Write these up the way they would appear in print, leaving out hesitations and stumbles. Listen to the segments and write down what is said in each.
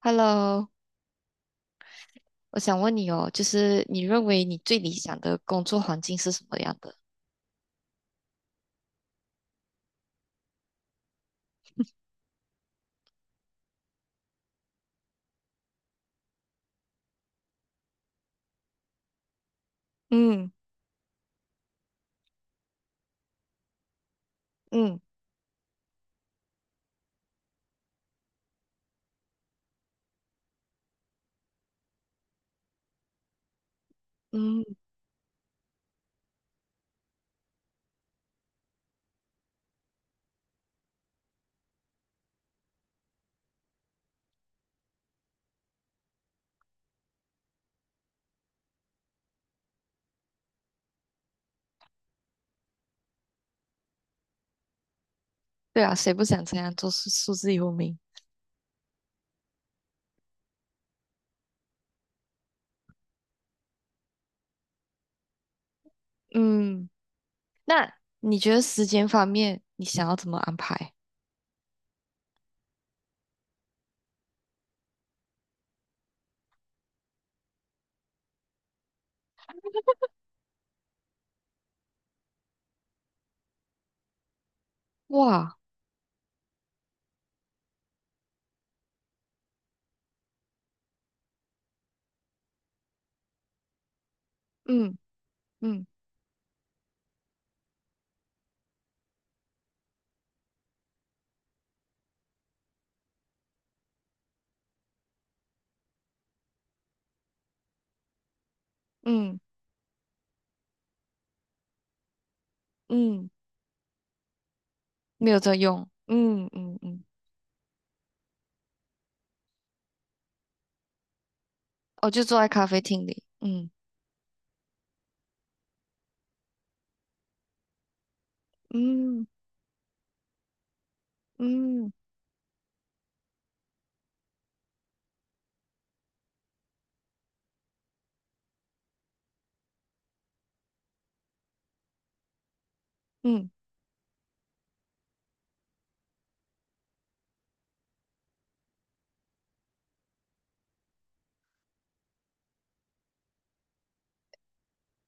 Hello，我想问你哦，就是你认为你最理想的工作环境是什么样的？嗯嗯嗯，对啊，谁不想这样做数字游民？嗯那你觉得时间方面，你想要怎么安排？哇，嗯嗯嗯嗯没有在用，嗯嗯嗯我就坐在咖啡厅里。嗯，嗯嗯嗯，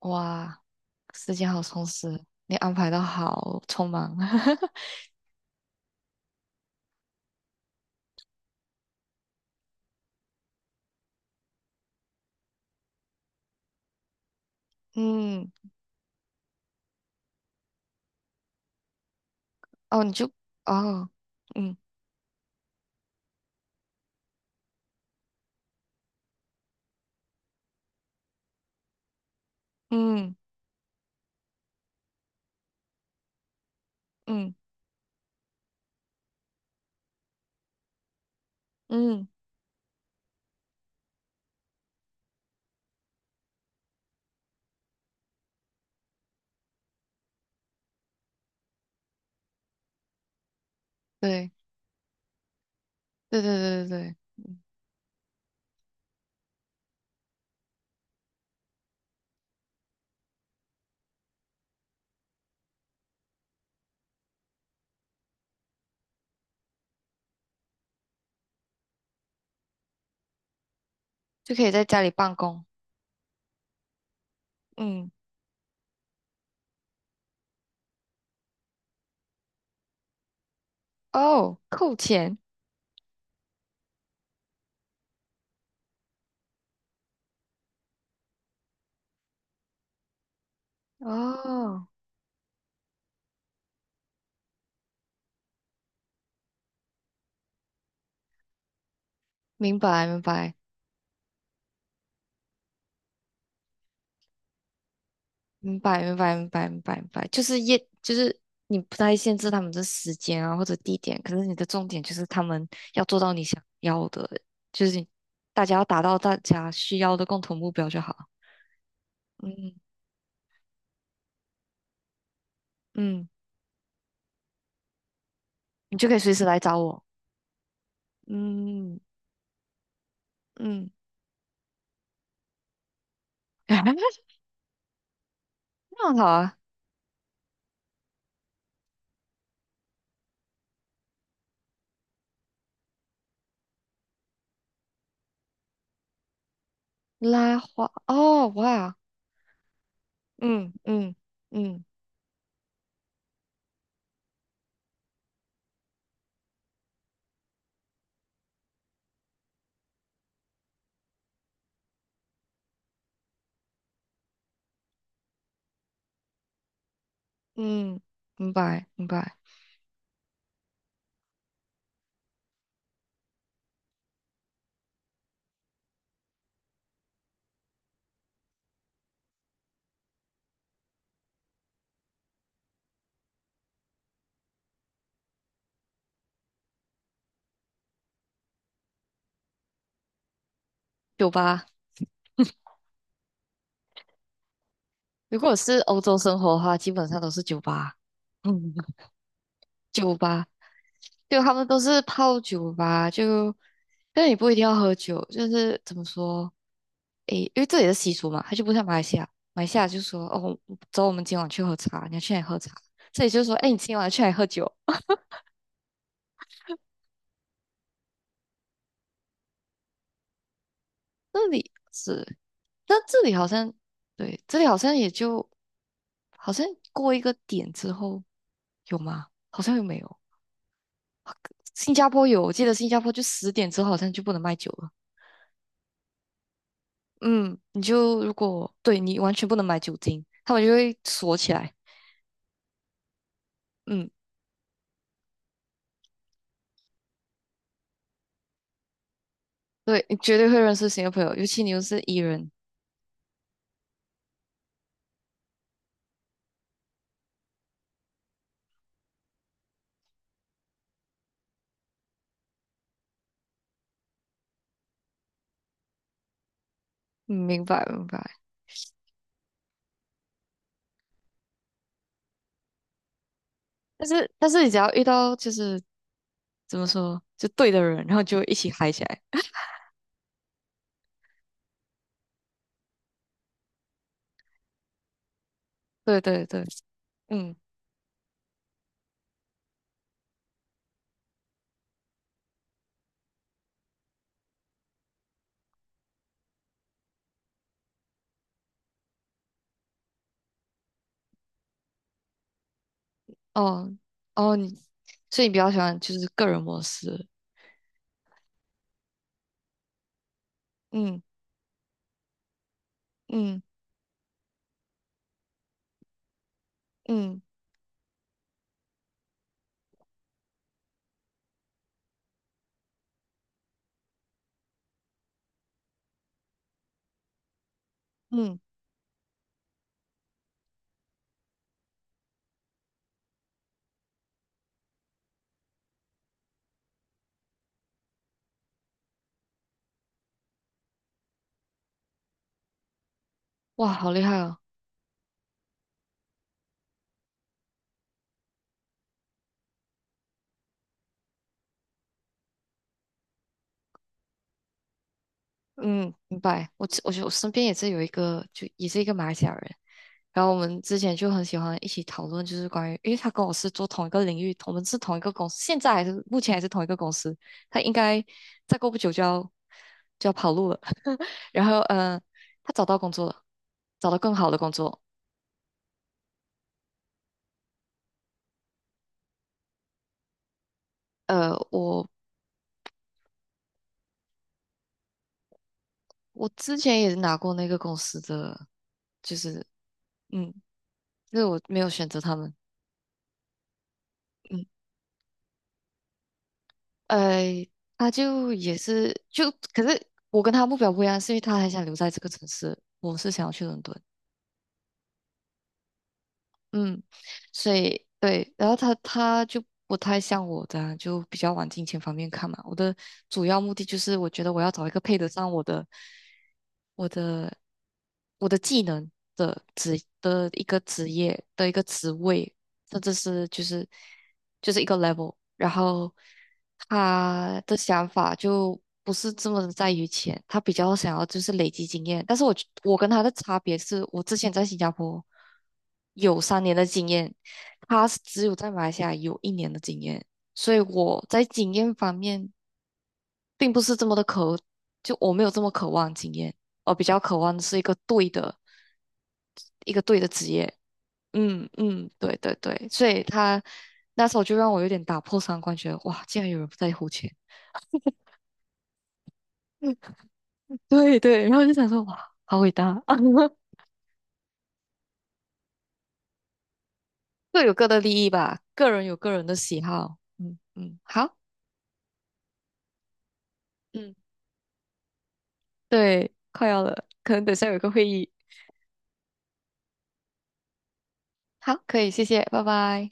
哇，时间好充实，你安排的好匆忙。嗯。哦，哦，嗯嗯嗯嗯，对对对对对对，就可以在家里办公。嗯，哦，扣钱。哦，明白明白明白明白明白明白明白就是业就是不太限制他们的时间啊或者地点，可是你的重点就是他们要做到你想要的，就是你大家要达到大家需要的共同目标就好。嗯嗯，你就可以随时来找我。嗯嗯。棒好啊，拉花哦，哇，嗯嗯嗯嗯，明白明白。酒吧，如果是欧洲生活的话，基本上都是酒吧。嗯，酒吧，就他们都是泡酒吧，就但也不一定要喝酒，就是怎么说，诶，因为这里的习俗嘛，它就不像马来西亚，马来西亚就说哦，走，我们今晚去喝茶，你要去哪里喝茶？这里就说，哎，你今晚去哪里喝酒？这里是，但这里好像对，这里好像也就。好像过一个点之后有吗？好像又没有。新加坡有，我记得新加坡就10点之后好像就不能卖酒了。嗯，你就如果对你完全不能买酒精，他们就会锁起来。嗯，对，你绝对会认识新的朋友，尤其你又是 E 人。嗯明白明白。但是你只要遇到就是怎么说，就对的人，然后就一起嗨起来。对对对，嗯，哦哦，所以你比较喜欢就是个人模式。嗯嗯嗯嗯。哇，好厉害哦！嗯，明白。我觉得我身边也是有一个，就也是一个马来西亚人。然后我们之前就很喜欢一起讨论，就是关于，因为他跟我是做同一个领域，我们是同一个公司，现在还是目前还是同一个公司。他应该再过不久就要跑路了。然后，嗯，他找到工作了，找到更好的工作。呃，我我之前也拿过那个公司的，就是嗯，就是我没有选择他们。嗯。呃，他就也是就，可是我跟他目标不一样，是因为他还想留在这个城市，我是想要去伦敦，嗯，所以对，然后他就不太像我的啊，就比较往金钱方面看嘛。我的主要目的就是，我觉得我要找一个配得上我的我的技能的职的一个职业的一个职位，这是就是一个 level，然后他的想法就不是这么的在于钱，他比较想要就是累积经验。但是我觉我跟他的差别是我之前在新加坡有3年的经验，他是只有在马来西亚有1年的经验，所以我在经验方面并不是这么的渴，就我没有这么渴望经验，我比较渴望的是一个对的职业。嗯嗯，对对对，所以他那时候就让我有点打破三观，觉得哇，竟然有人不在乎钱。对对，然后就想说哇，好伟大，各有各的利益吧，个人有个人的喜好。嗯嗯，好，嗯，对，快要了，可能等下有个会议。好，可以，谢谢，拜拜。